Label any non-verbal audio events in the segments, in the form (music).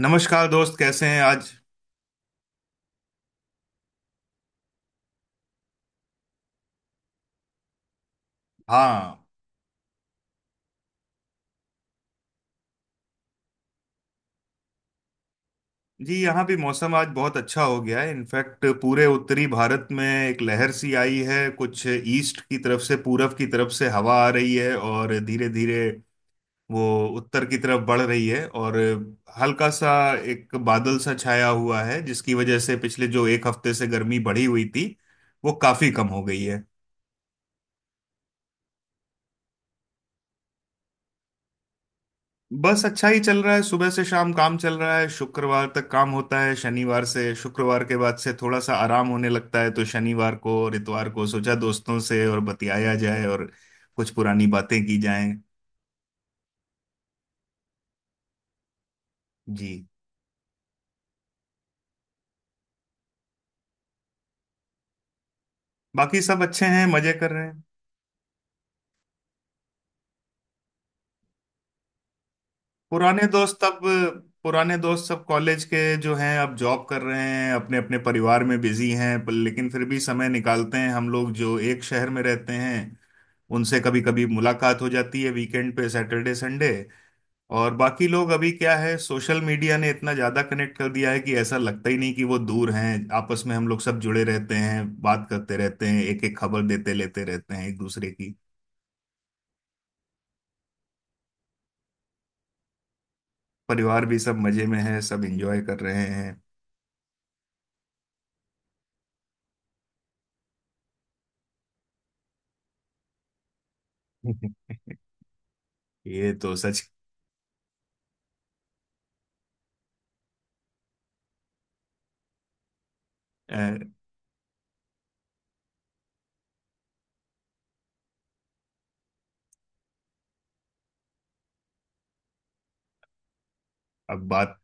नमस्कार दोस्त, कैसे हैं आज। हाँ। जी, यहाँ भी मौसम आज बहुत अच्छा हो गया है। इनफैक्ट पूरे उत्तरी भारत में एक लहर सी आई है, कुछ ईस्ट की तरफ से, पूरब की तरफ से हवा आ रही है और धीरे धीरे वो उत्तर की तरफ बढ़ रही है। और हल्का सा एक बादल सा छाया हुआ है जिसकी वजह से पिछले जो एक हफ्ते से गर्मी बढ़ी हुई थी वो काफी कम हो गई है। बस अच्छा ही चल रहा है, सुबह से शाम काम चल रहा है, शुक्रवार तक काम होता है, शनिवार से, शुक्रवार के बाद से थोड़ा सा आराम होने लगता है, तो शनिवार को और इतवार को सोचा दोस्तों से और बतियाया जाए और कुछ पुरानी बातें की जाएं। जी। बाकी सब अच्छे हैं, मजे कर रहे हैं। पुराने दोस्त अब पुराने दोस्त सब कॉलेज के जो हैं अब जॉब कर रहे हैं, अपने अपने परिवार में बिजी हैं, पर लेकिन फिर भी समय निकालते हैं। हम लोग जो एक शहर में रहते हैं उनसे कभी कभी मुलाकात हो जाती है वीकेंड पे, सैटरडे संडे। और बाकी लोग अभी क्या है, सोशल मीडिया ने इतना ज्यादा कनेक्ट कर दिया है कि ऐसा लगता ही नहीं कि वो दूर हैं। आपस में हम लोग सब जुड़े रहते हैं, बात करते रहते हैं, एक एक खबर देते लेते रहते हैं एक दूसरे की। परिवार भी सब मजे में है, सब एंजॉय कर रहे हैं। (laughs) ये तो सच। अ, अब बात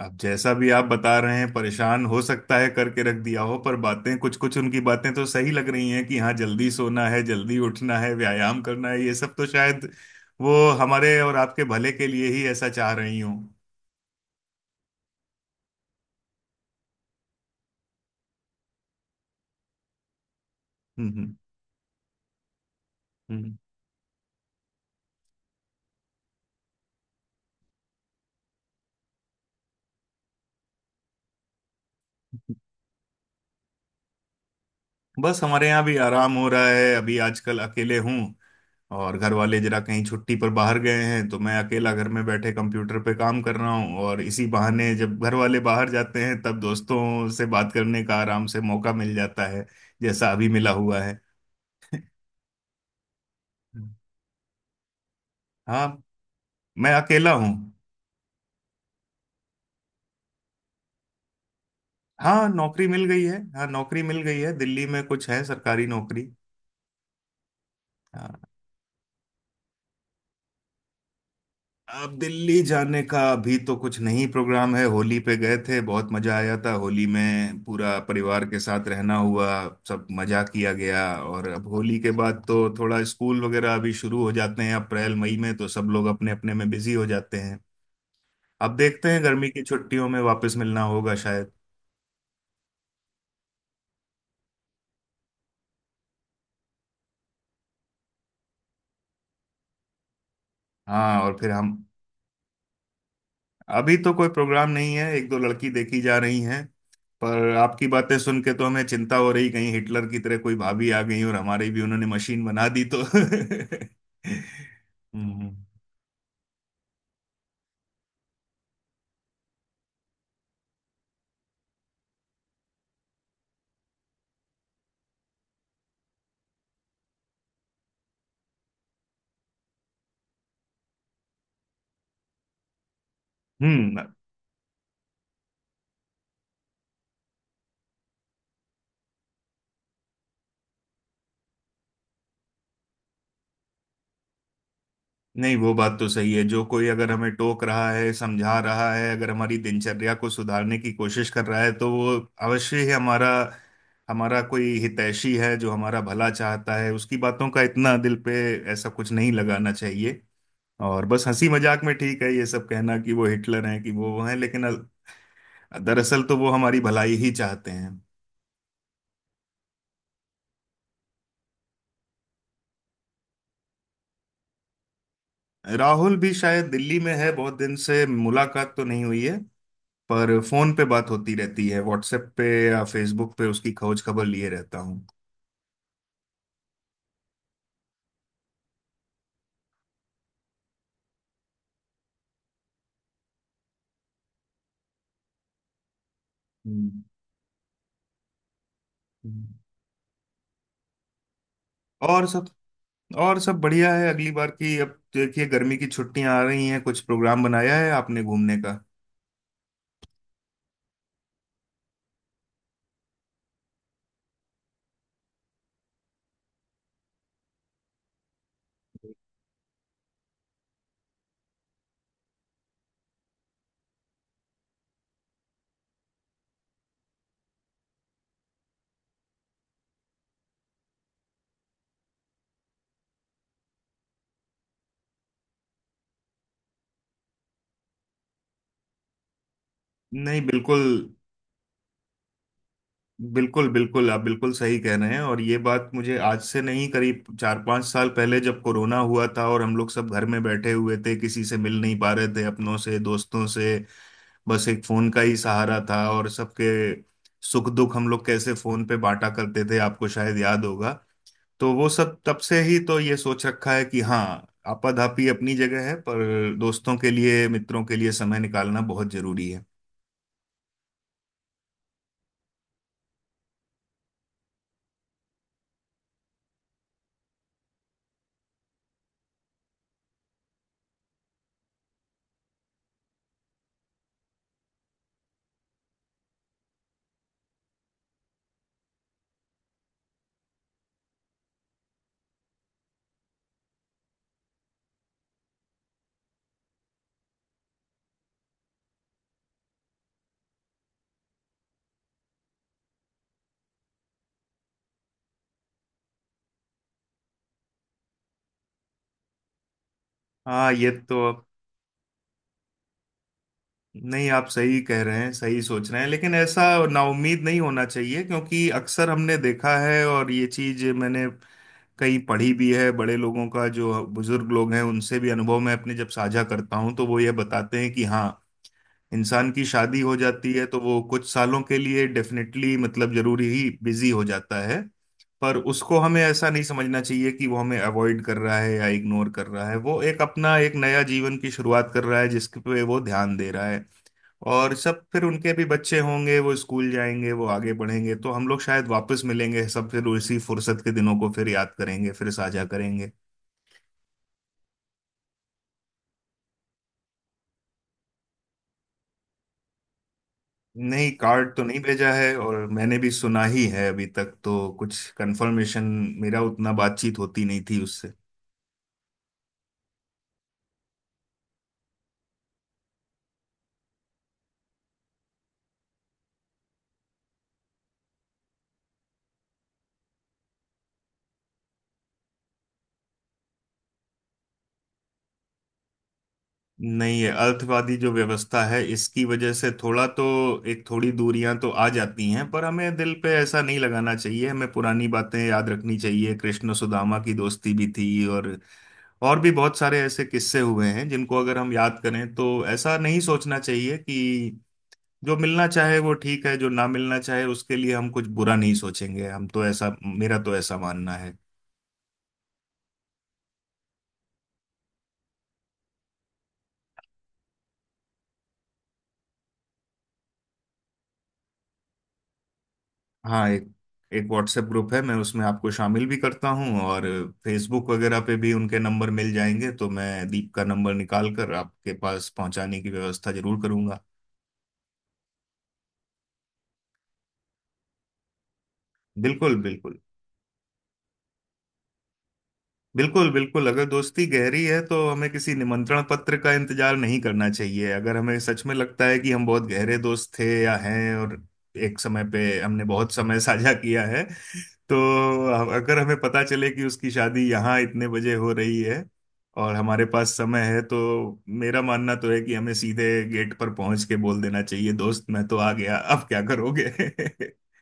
अब जैसा भी आप बता रहे हैं, परेशान हो सकता है करके रख दिया हो, पर बातें कुछ कुछ, उनकी बातें तो सही लग रही हैं कि हाँ, जल्दी सोना है, जल्दी उठना है, व्यायाम करना है, ये सब तो शायद वो हमारे और आपके भले के लिए ही ऐसा चाह रही हूँ। हम्म हम्म हम्म। हम्म। हम्म। बस हमारे यहाँ भी आराम हो रहा है, अभी आजकल अकेले हूँ। और घर वाले जरा कहीं छुट्टी पर बाहर गए हैं तो मैं अकेला घर में बैठे कंप्यूटर पे काम कर रहा हूँ और इसी बहाने जब घर वाले बाहर जाते हैं तब दोस्तों से बात करने का आराम से मौका मिल जाता है, जैसा अभी मिला हुआ है। हाँ। मैं अकेला हूँ। हाँ नौकरी मिल गई है। हाँ नौकरी मिल गई है, दिल्ली में कुछ है, सरकारी नौकरी। हाँ। अब दिल्ली जाने का अभी तो कुछ नहीं प्रोग्राम है, होली पे गए थे, बहुत मजा आया था, होली में पूरा परिवार के साथ रहना हुआ, सब मजा किया गया। और अब होली के बाद तो थोड़ा स्कूल वगैरह अभी शुरू हो जाते हैं अप्रैल मई में, तो सब लोग अपने अपने में बिजी हो जाते हैं। अब देखते हैं गर्मी की छुट्टियों में वापस मिलना होगा शायद। हाँ। और फिर हम अभी तो कोई प्रोग्राम नहीं है, एक दो लड़की देखी जा रही हैं। पर आपकी बातें सुन के तो हमें चिंता हो रही, कहीं हिटलर की तरह कोई भाभी आ गई और हमारी भी उन्होंने मशीन बना दी तो (laughs) हम्म। हम्म। नहीं, वो बात तो सही है, जो कोई अगर हमें टोक रहा है, समझा रहा है, अगर हमारी दिनचर्या को सुधारने की कोशिश कर रहा है तो वो अवश्य ही हमारा, हमारा कोई हितैषी है जो हमारा भला चाहता है, उसकी बातों का इतना दिल पे ऐसा कुछ नहीं लगाना चाहिए। और बस हंसी मजाक में ठीक है ये सब कहना कि वो हिटलर हैं कि वो हैं, लेकिन दरअसल तो वो हमारी भलाई ही चाहते हैं। राहुल भी शायद दिल्ली में है, बहुत दिन से मुलाकात तो नहीं हुई है, पर फोन पे बात होती रहती है, व्हाट्सएप पे या फेसबुक पे उसकी खोज खबर लिए रहता हूँ। हम्म। हम्म। और सब और सब बढ़िया है। अगली बार की अब, देखिए गर्मी की छुट्टियां आ रही हैं, कुछ प्रोग्राम बनाया है आपने घूमने का। नहीं बिल्कुल। बिल्कुल बिल्कुल, आप बिल्कुल सही कह रहे हैं और ये बात मुझे आज से नहीं, करीब 4-5 साल पहले जब कोरोना हुआ था और हम लोग सब घर में बैठे हुए थे, किसी से मिल नहीं पा रहे थे अपनों से, दोस्तों से, बस एक फोन का ही सहारा था। और सबके सुख दुख हम लोग कैसे फोन पे बांटा करते थे आपको शायद याद होगा। तो वो सब तब से ही तो ये सोच रखा है कि हाँ, आपाधापी अपनी जगह है, पर दोस्तों के लिए, मित्रों के लिए समय निकालना बहुत जरूरी है। हाँ, ये तो। नहीं, आप सही कह रहे हैं, सही सोच रहे हैं, लेकिन ऐसा नाउम्मीद नहीं होना चाहिए क्योंकि अक्सर हमने देखा है और ये चीज मैंने कहीं पढ़ी भी है, बड़े लोगों का, जो बुजुर्ग लोग हैं उनसे भी अनुभव मैं अपने जब साझा करता हूँ तो वो ये बताते हैं कि हाँ, इंसान की शादी हो जाती है तो वो कुछ सालों के लिए डेफिनेटली, मतलब जरूरी ही बिजी हो जाता है। पर उसको हमें ऐसा नहीं समझना चाहिए कि वो हमें अवॉइड कर रहा है या इग्नोर कर रहा है, वो एक अपना एक नया जीवन की शुरुआत कर रहा है जिसके पे वो ध्यान दे रहा है। और सब फिर उनके भी बच्चे होंगे, वो स्कूल जाएंगे, वो आगे बढ़ेंगे, तो हम लोग शायद वापस मिलेंगे, सब फिर उसी फुर्सत के दिनों को फिर याद करेंगे, फिर साझा करेंगे। नहीं, कार्ड तो नहीं भेजा है और मैंने भी सुना ही है, अभी तक तो कुछ कंफर्मेशन, मेरा उतना बातचीत होती नहीं थी उससे। नहीं है, अर्थवादी जो व्यवस्था है इसकी वजह से थोड़ा तो एक थोड़ी दूरियां तो आ जाती हैं, पर हमें दिल पे ऐसा नहीं लगाना चाहिए, हमें पुरानी बातें याद रखनी चाहिए। कृष्ण सुदामा की दोस्ती भी थी और भी बहुत सारे ऐसे किस्से हुए हैं जिनको अगर हम याद करें तो ऐसा नहीं सोचना चाहिए कि जो मिलना चाहे वो ठीक है, जो ना मिलना चाहे उसके लिए हम कुछ बुरा नहीं सोचेंगे, हम तो ऐसा मेरा तो ऐसा मानना है। हाँ एक एक व्हाट्सएप ग्रुप है, मैं उसमें आपको शामिल भी करता हूँ और फेसबुक वगैरह पे भी उनके नंबर मिल जाएंगे, तो मैं दीप का नंबर निकाल कर आपके पास पहुंचाने की व्यवस्था जरूर करूंगा। बिल्कुल बिल्कुल। बिल्कुल बिल्कुल, अगर दोस्ती गहरी है तो हमें किसी निमंत्रण पत्र का इंतजार नहीं करना चाहिए, अगर हमें सच में लगता है कि हम बहुत गहरे दोस्त थे या हैं और एक समय पे हमने बहुत समय साझा किया है, तो अगर हमें पता चले कि उसकी शादी यहाँ इतने बजे हो रही है और हमारे पास समय है, तो मेरा मानना तो है कि हमें सीधे गेट पर पहुंच के बोल देना चाहिए, दोस्त मैं तो आ गया, अब क्या करोगे (laughs)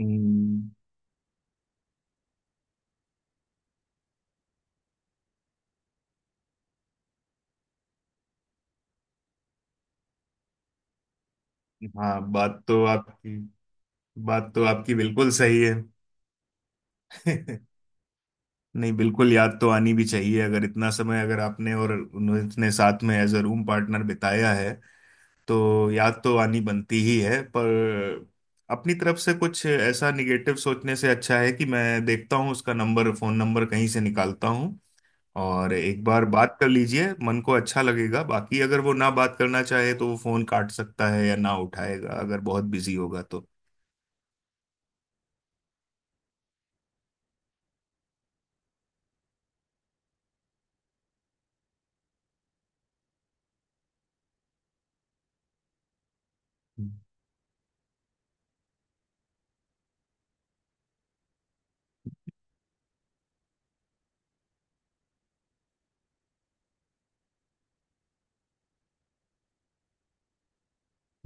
हम्म। हाँ बात तो आपकी बिल्कुल सही है। नहीं, बिल्कुल याद तो आनी भी चाहिए, अगर इतना समय, अगर आपने और उन्होंने इतने साथ में एज अ रूम पार्टनर बिताया है तो याद तो आनी बनती ही है, पर अपनी तरफ से कुछ ऐसा निगेटिव सोचने से अच्छा है कि मैं देखता हूँ उसका नंबर, फोन नंबर कहीं से निकालता हूँ और एक बार बात कर लीजिए, मन को अच्छा लगेगा। बाकी अगर वो ना बात करना चाहे तो वो फोन काट सकता है या ना उठाएगा अगर बहुत बिजी होगा तो।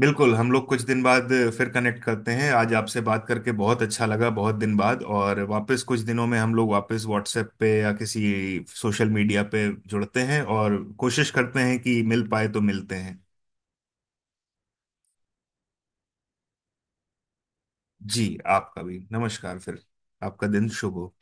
बिल्कुल, हम लोग कुछ दिन बाद फिर कनेक्ट करते हैं, आज आपसे बात करके बहुत अच्छा लगा, बहुत दिन बाद, और वापस कुछ दिनों में हम लोग वापस व्हाट्सएप पे या किसी सोशल मीडिया पे जुड़ते हैं और कोशिश करते हैं कि मिल पाए तो मिलते हैं। जी। आपका भी नमस्कार फिर। आपका दिन शुभ हो।